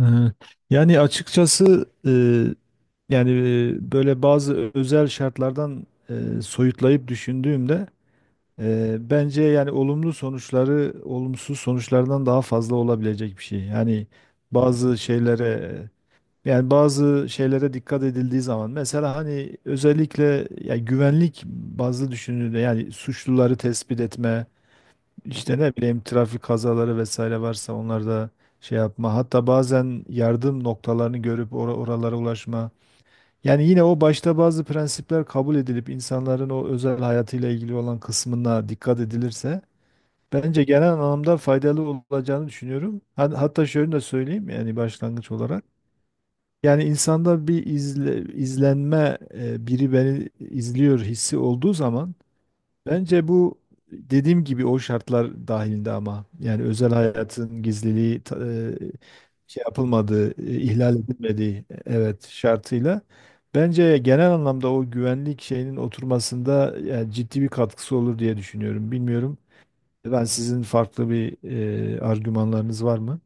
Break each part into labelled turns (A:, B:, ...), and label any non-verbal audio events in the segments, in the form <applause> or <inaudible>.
A: Ee, Yani açıkçası, yani, böyle bazı özel şartlardan soyutlayıp düşündüğümde, bence yani olumlu sonuçları olumsuz sonuçlardan daha fazla olabilecek bir şey. Bazı şeylere yani bazı şeylere dikkat edildiği zaman, mesela hani özellikle ya güvenlik bazı düşünülüyor, yani suçluları tespit etme, işte ne bileyim trafik kazaları vesaire varsa onlar da şey yapma. Hatta bazen yardım noktalarını görüp oralara ulaşma. Yani yine o başta bazı prensipler kabul edilip insanların o özel hayatıyla ilgili olan kısmına dikkat edilirse bence genel anlamda faydalı olacağını düşünüyorum. Hatta şöyle de söyleyeyim, yani başlangıç olarak. Yani insanda bir izlenme, biri beni izliyor hissi olduğu zaman, bence bu, dediğim gibi, o şartlar dahilinde, ama yani özel hayatın gizliliği şey yapılmadığı, ihlal edilmediği, evet, şartıyla bence genel anlamda o güvenlik şeyinin oturmasında yani ciddi bir katkısı olur diye düşünüyorum. Bilmiyorum. Ben sizin farklı bir argümanlarınız var mı?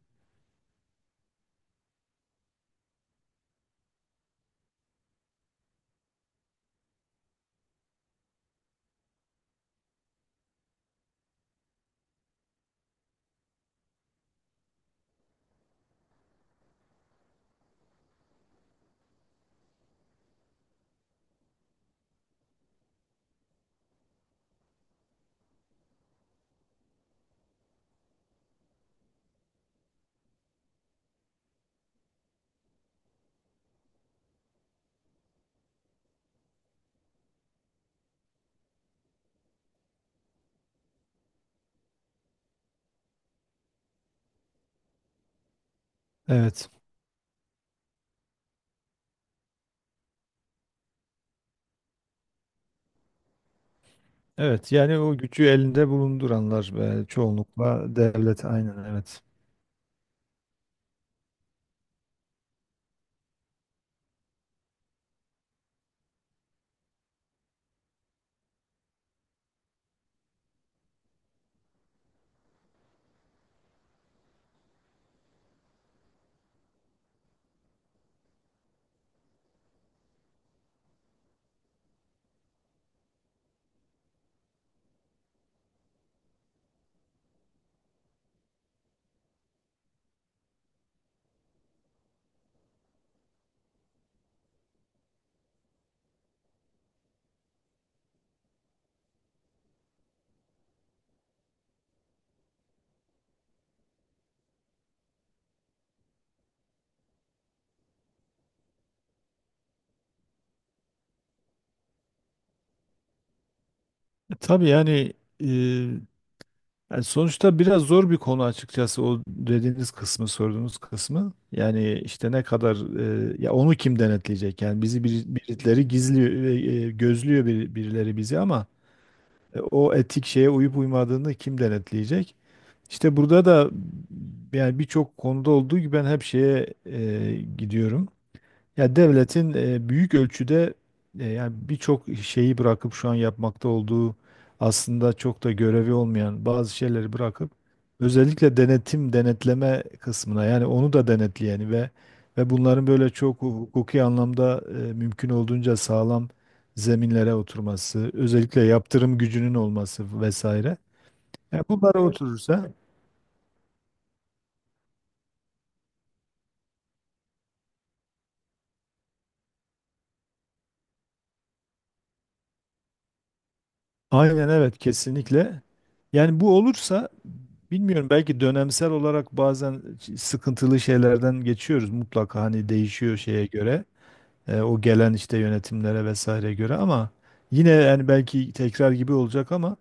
A: Evet. Evet, yani o gücü elinde bulunduranlar ve çoğunlukla devlet, aynen evet. Tabii yani, e, yani sonuçta biraz zor bir konu açıkçası o dediğiniz kısmı, sorduğunuz kısmı. Yani işte ne kadar, ya onu kim denetleyecek? Yani bizi birileri gizliyor, gözlüyor birileri bizi, ama o etik şeye uyup uymadığını kim denetleyecek? İşte burada da yani birçok konuda olduğu gibi ben hep şeye gidiyorum. Ya devletin büyük ölçüde, yani birçok şeyi bırakıp şu an yapmakta olduğu aslında çok da görevi olmayan bazı şeyleri bırakıp özellikle denetim denetleme kısmına, yani onu da denetleyeni, ve ve bunların böyle çok hukuki anlamda, mümkün olduğunca sağlam zeminlere oturması, özellikle yaptırım gücünün olması vesaire. Yani bunlara oturursa, aynen evet, kesinlikle. Yani bu olursa, bilmiyorum, belki dönemsel olarak bazen sıkıntılı şeylerden geçiyoruz mutlaka, hani değişiyor şeye göre, o gelen işte yönetimlere vesaire göre, ama yine yani belki tekrar gibi olacak ama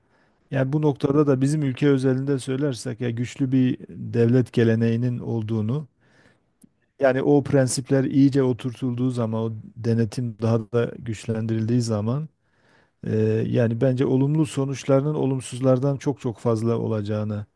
A: yani bu noktada da bizim ülke özelinde söylersek ya güçlü bir devlet geleneğinin olduğunu, yani o prensipler iyice oturtulduğu zaman, o denetim daha da güçlendirildiği zaman, e, yani bence olumlu sonuçlarının olumsuzlardan çok çok fazla olacağını.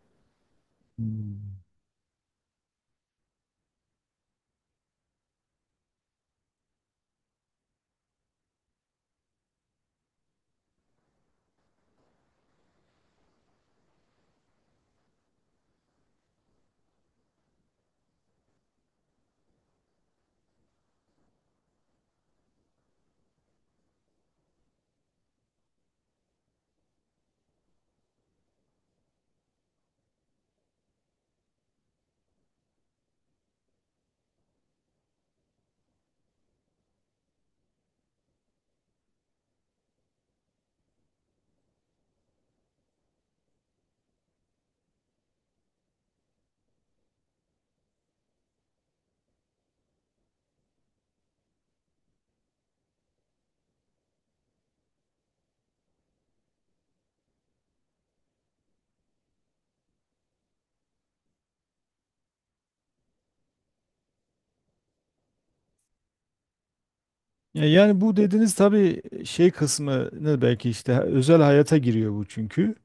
A: Ya yani bu dediğiniz tabii şey kısmını belki işte özel hayata giriyor bu, çünkü.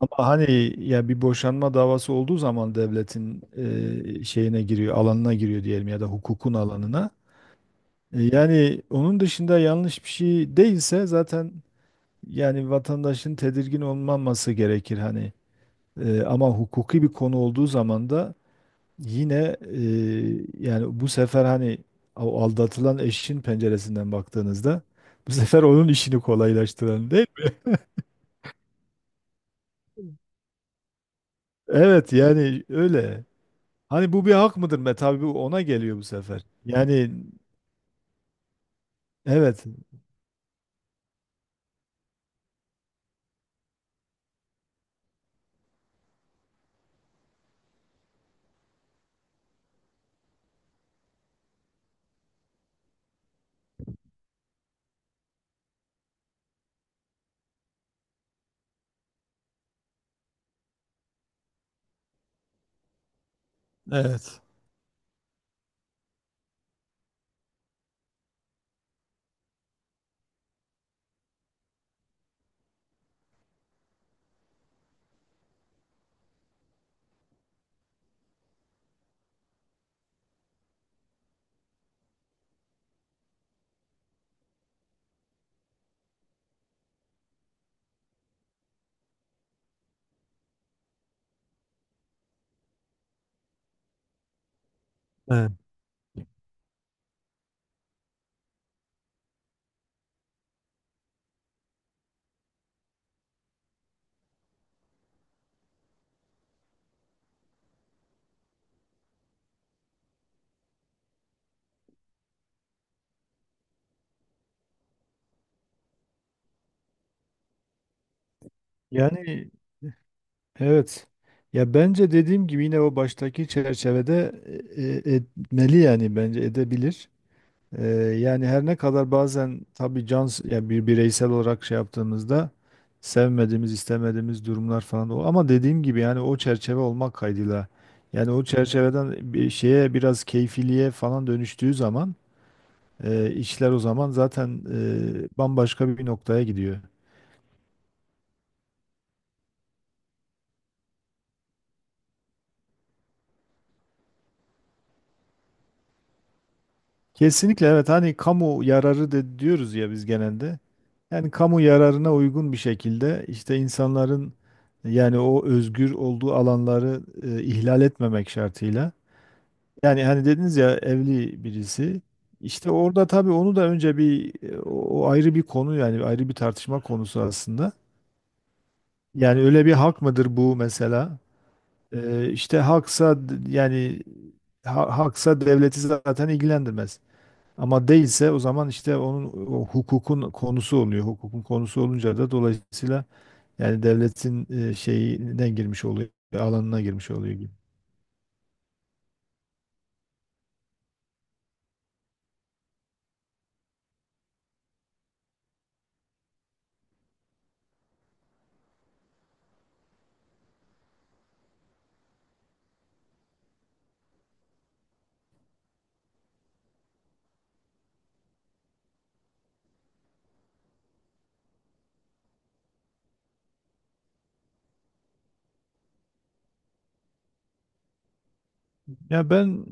A: Ama hani ya bir boşanma davası olduğu zaman devletin şeyine giriyor, alanına giriyor diyelim, ya da hukukun alanına. Yani onun dışında yanlış bir şey değilse zaten yani vatandaşın tedirgin olmaması gerekir hani. Ama hukuki bir konu olduğu zaman da yine, yani bu sefer hani o aldatılan eşin penceresinden baktığınızda bu sefer onun işini kolaylaştıran, değil mi? Evet yani öyle. Hani bu bir hak mıdır be? Tabii bu ona geliyor bu sefer. Yani evet. Evet. Evet. Yani evet. Ya bence dediğim gibi yine o baştaki çerçevede, e, etmeli, yani bence edebilir. Ee, Yani her ne kadar bazen tabii can, yani bir bireysel olarak şey yaptığımızda sevmediğimiz, istemediğimiz durumlar falan o, ama dediğim gibi yani o çerçeve olmak kaydıyla, yani o çerçeveden bir şeye biraz keyfiliğe falan dönüştüğü zaman işler, o zaman zaten bambaşka bir noktaya gidiyor. Kesinlikle evet, hani kamu yararı de diyoruz ya biz genelde. Yani kamu yararına uygun bir şekilde, işte insanların yani o özgür olduğu alanları ihlal etmemek şartıyla. Yani hani dediniz ya, evli birisi. İşte orada tabii onu da önce bir, o ayrı bir konu, yani ayrı bir tartışma konusu aslında. Yani öyle bir hak mıdır bu mesela? İşte haksa yani haksa devleti zaten ilgilendirmez. Ama değilse o zaman işte onun o hukukun konusu oluyor. Hukukun konusu olunca da dolayısıyla yani devletin şeyine girmiş oluyor, alanına girmiş oluyor gibi. Ya ben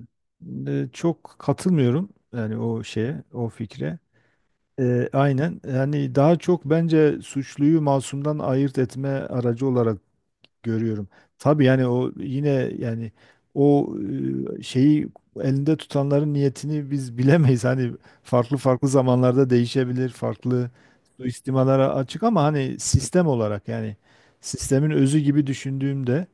A: çok katılmıyorum yani o şeye, o fikre. Aynen, yani daha çok bence suçluyu masumdan ayırt etme aracı olarak görüyorum. Tabii yani o yine, yani o şeyi elinde tutanların niyetini biz <laughs> bilemeyiz. Hani farklı farklı zamanlarda değişebilir, farklı suistimalara açık, ama hani sistem olarak, yani sistemin özü gibi düşündüğümde,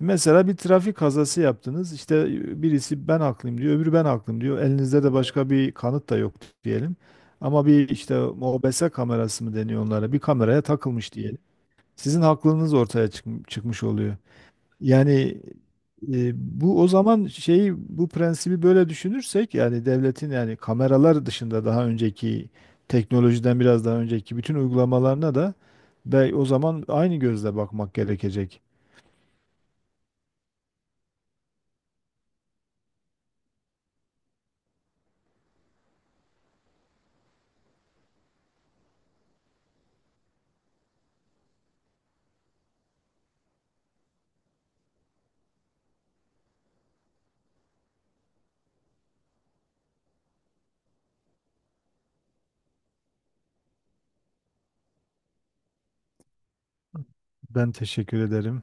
A: mesela bir trafik kazası yaptınız. İşte birisi ben haklıyım diyor, öbürü ben haklıyım diyor. Elinizde de başka bir kanıt da yok diyelim. Ama bir işte OBS kamerası mı deniyor onlara? Bir kameraya takılmış diyelim. Sizin haklılığınız ortaya çıkmış oluyor. Yani e, bu o zaman şeyi, bu prensibi böyle düşünürsek, yani devletin, yani kameralar dışında daha önceki teknolojiden, biraz daha önceki bütün uygulamalarına da o zaman aynı gözle bakmak gerekecek. Ben teşekkür ederim.